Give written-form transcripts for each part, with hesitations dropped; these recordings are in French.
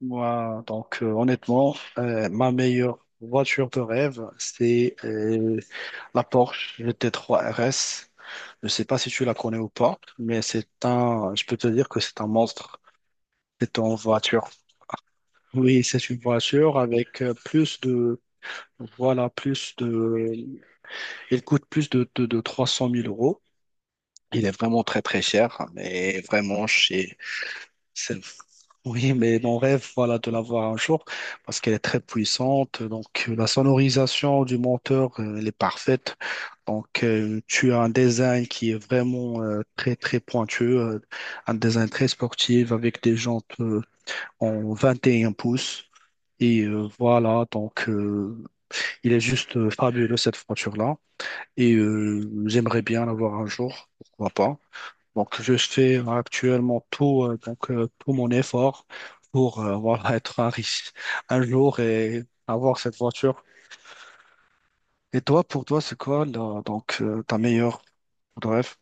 Moi, donc, honnêtement, ma meilleure voiture de rêve, c'est la Porsche GT3 RS. Je sais pas si tu la connais ou pas, mais je peux te dire que c'est un monstre. C'est une voiture. Oui, c'est une voiture avec plus de, voilà, plus de, elle coûte plus de 300 000 euros. Il est vraiment très très cher, mais vraiment chez, c'est. Oui, mais mon rêve, voilà, de l'avoir un jour, parce qu'elle est très puissante. Donc, la sonorisation du monteur, elle est parfaite. Donc, tu as un design qui est vraiment très, très pointueux, un design très sportif avec des jantes en 21 pouces. Et voilà, donc, il est juste fabuleux, cette voiture-là. Et j'aimerais bien l'avoir un jour, pourquoi pas. Donc, je fais actuellement tout, donc, tout mon effort pour voilà, être un riche un jour et avoir cette voiture. Et toi, pour toi, c'est quoi là, donc, ta meilleure rêve.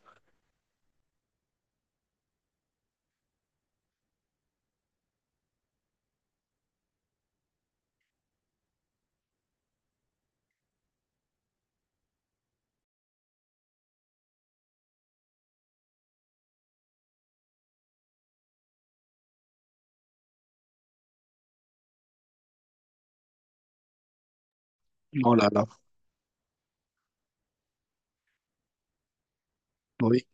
Oh là là, oui,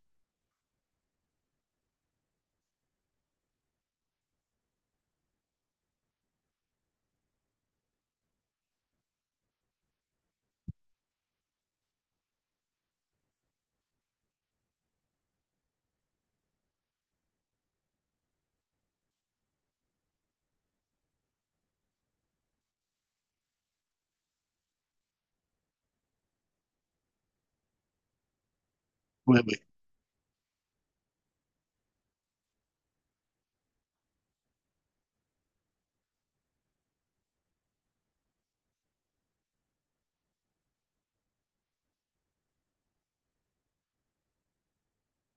oui, oui,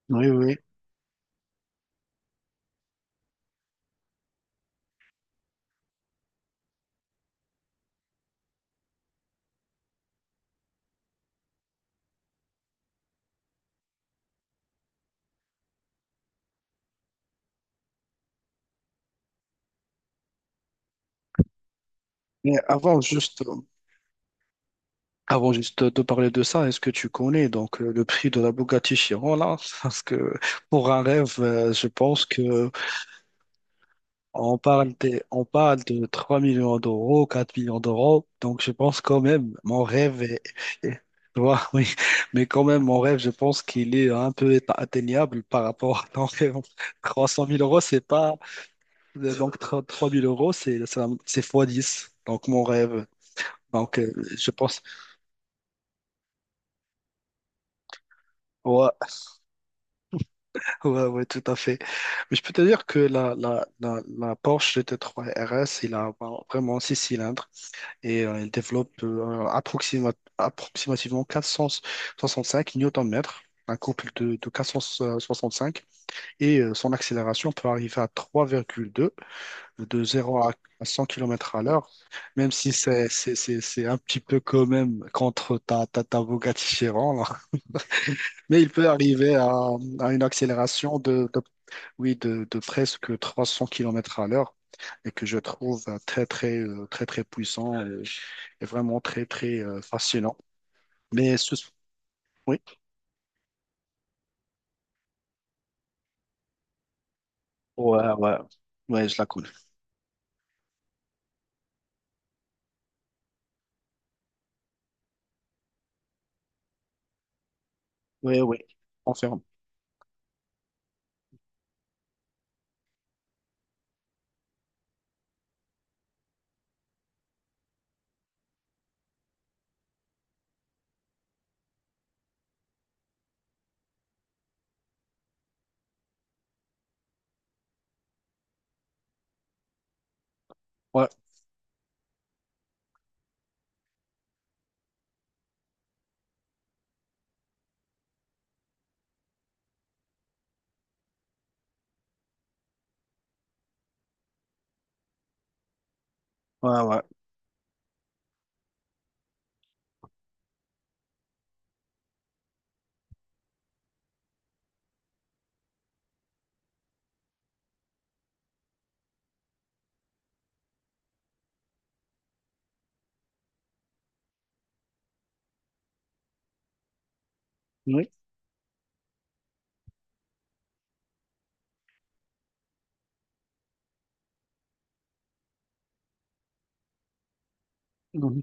oui, oui. Oui. Mais avant juste de parler de ça, est-ce que tu connais donc le prix de la Bugatti Chiron là? Parce que pour un rêve, je pense que. On parle on parle de 3 millions d'euros, 4 millions d'euros. Donc, je pense quand même, mon rêve est, tu vois, oui. Mais quand même, mon rêve, je pense qu'il est un peu atteignable par rapport à ton rêve. 300 000 euros, c'est pas, donc trois mille euros, c'est, c'est fois 10. Donc, mon rêve. Donc, je pense, ouais, ouais, ouais, tout à fait. Mais je peux te dire que la Porsche GT3 RS, il a vraiment 6 cylindres. Et elle développe approximativement 465 Nm, un couple de 465, et son accélération peut arriver à 3,2, de 0 à 100 km à l'heure, même si c'est un petit peu quand même contre ta Bugatti Chiron, là. Mais il peut arriver à, une accélération de, oui, de presque 300 km à l'heure et que je trouve très, très, très, très puissant et vraiment très, très fascinant. Mais ce, oui, ouais, ouais, ouais, je la coule. Oui, oui, on. Ouais, ouais, ouais. Oui. Mhm.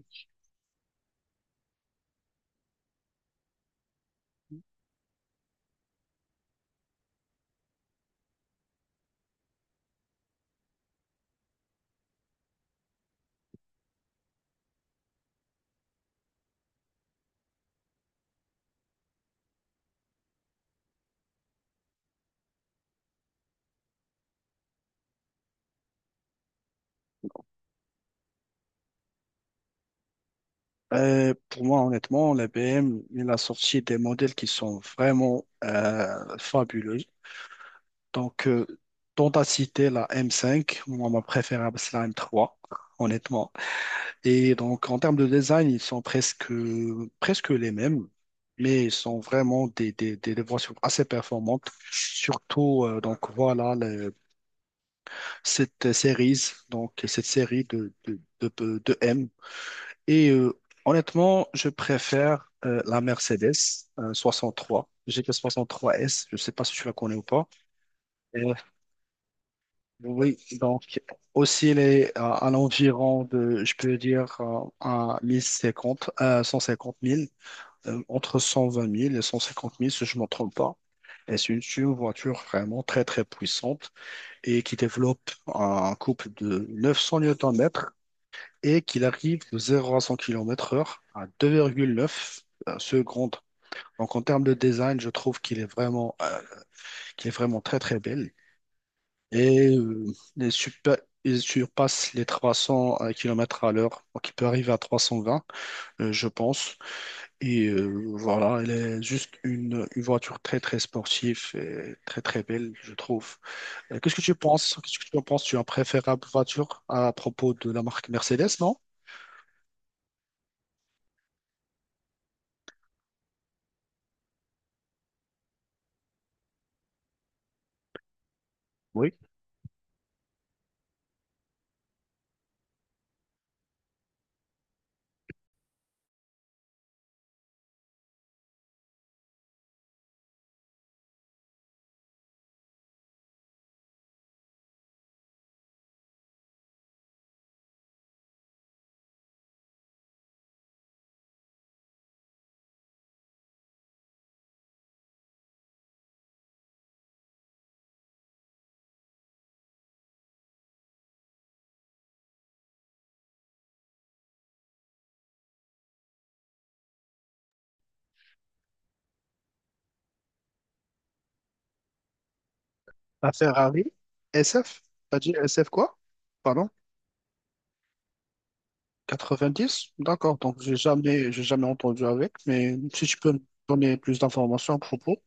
Pour moi, honnêtement, la BM, il a sorti des modèles qui sont vraiment fabuleux. Donc, dont à citer la M5, moi, ma préférable, c'est la M3, honnêtement. Et donc, en termes de design, ils sont presque les mêmes, mais ils sont vraiment des versions assez performantes. Surtout, donc voilà, cette série, donc cette série de M. Et honnêtement, je préfère la Mercedes 63, soixante-trois S. Je ne sais pas si tu la connais ou pas. Et oui, donc aussi les, à l'environ de, je peux dire, à 1050, 150 000. Euh, entre 120 000 et 150 000, si je ne me trompe pas. Et c'est une voiture vraiment très, très puissante et qui développe un couple de 900 newtons-mètres et qu'il arrive de 0 à 100 km/h à 2,9 secondes. Donc, en termes de design, je trouve qu'il est vraiment très, très belle. Et il il surpasse les 300 km à l'heure. Donc, il peut arriver à 320, je pense. Et voilà, elle est juste une voiture très très sportive et très très belle, je trouve. Qu'est-ce que tu penses? Qu'est-ce que tu en penses? Tu as une préférable voiture à propos de la marque Mercedes, non? Oui. La Ferrari SF? T'as dit SF quoi? Pardon? 90? D'accord, donc j'ai jamais entendu avec, mais si tu peux me donner plus d'informations à propos.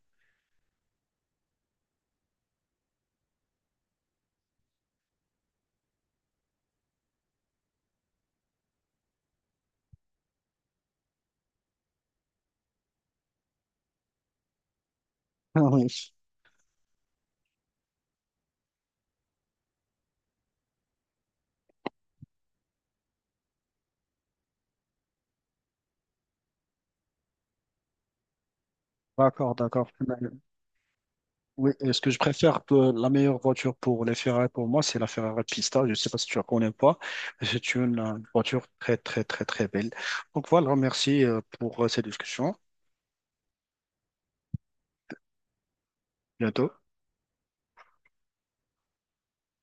Ah oui. D'accord, d'accord. Oui, et ce que je préfère, la meilleure voiture pour les Ferrari pour moi, c'est la Ferrari Pista. Je ne sais pas si tu la connais ou pas, mais c'est une voiture très, très, très, très belle. Donc voilà, merci pour cette discussion. Bientôt.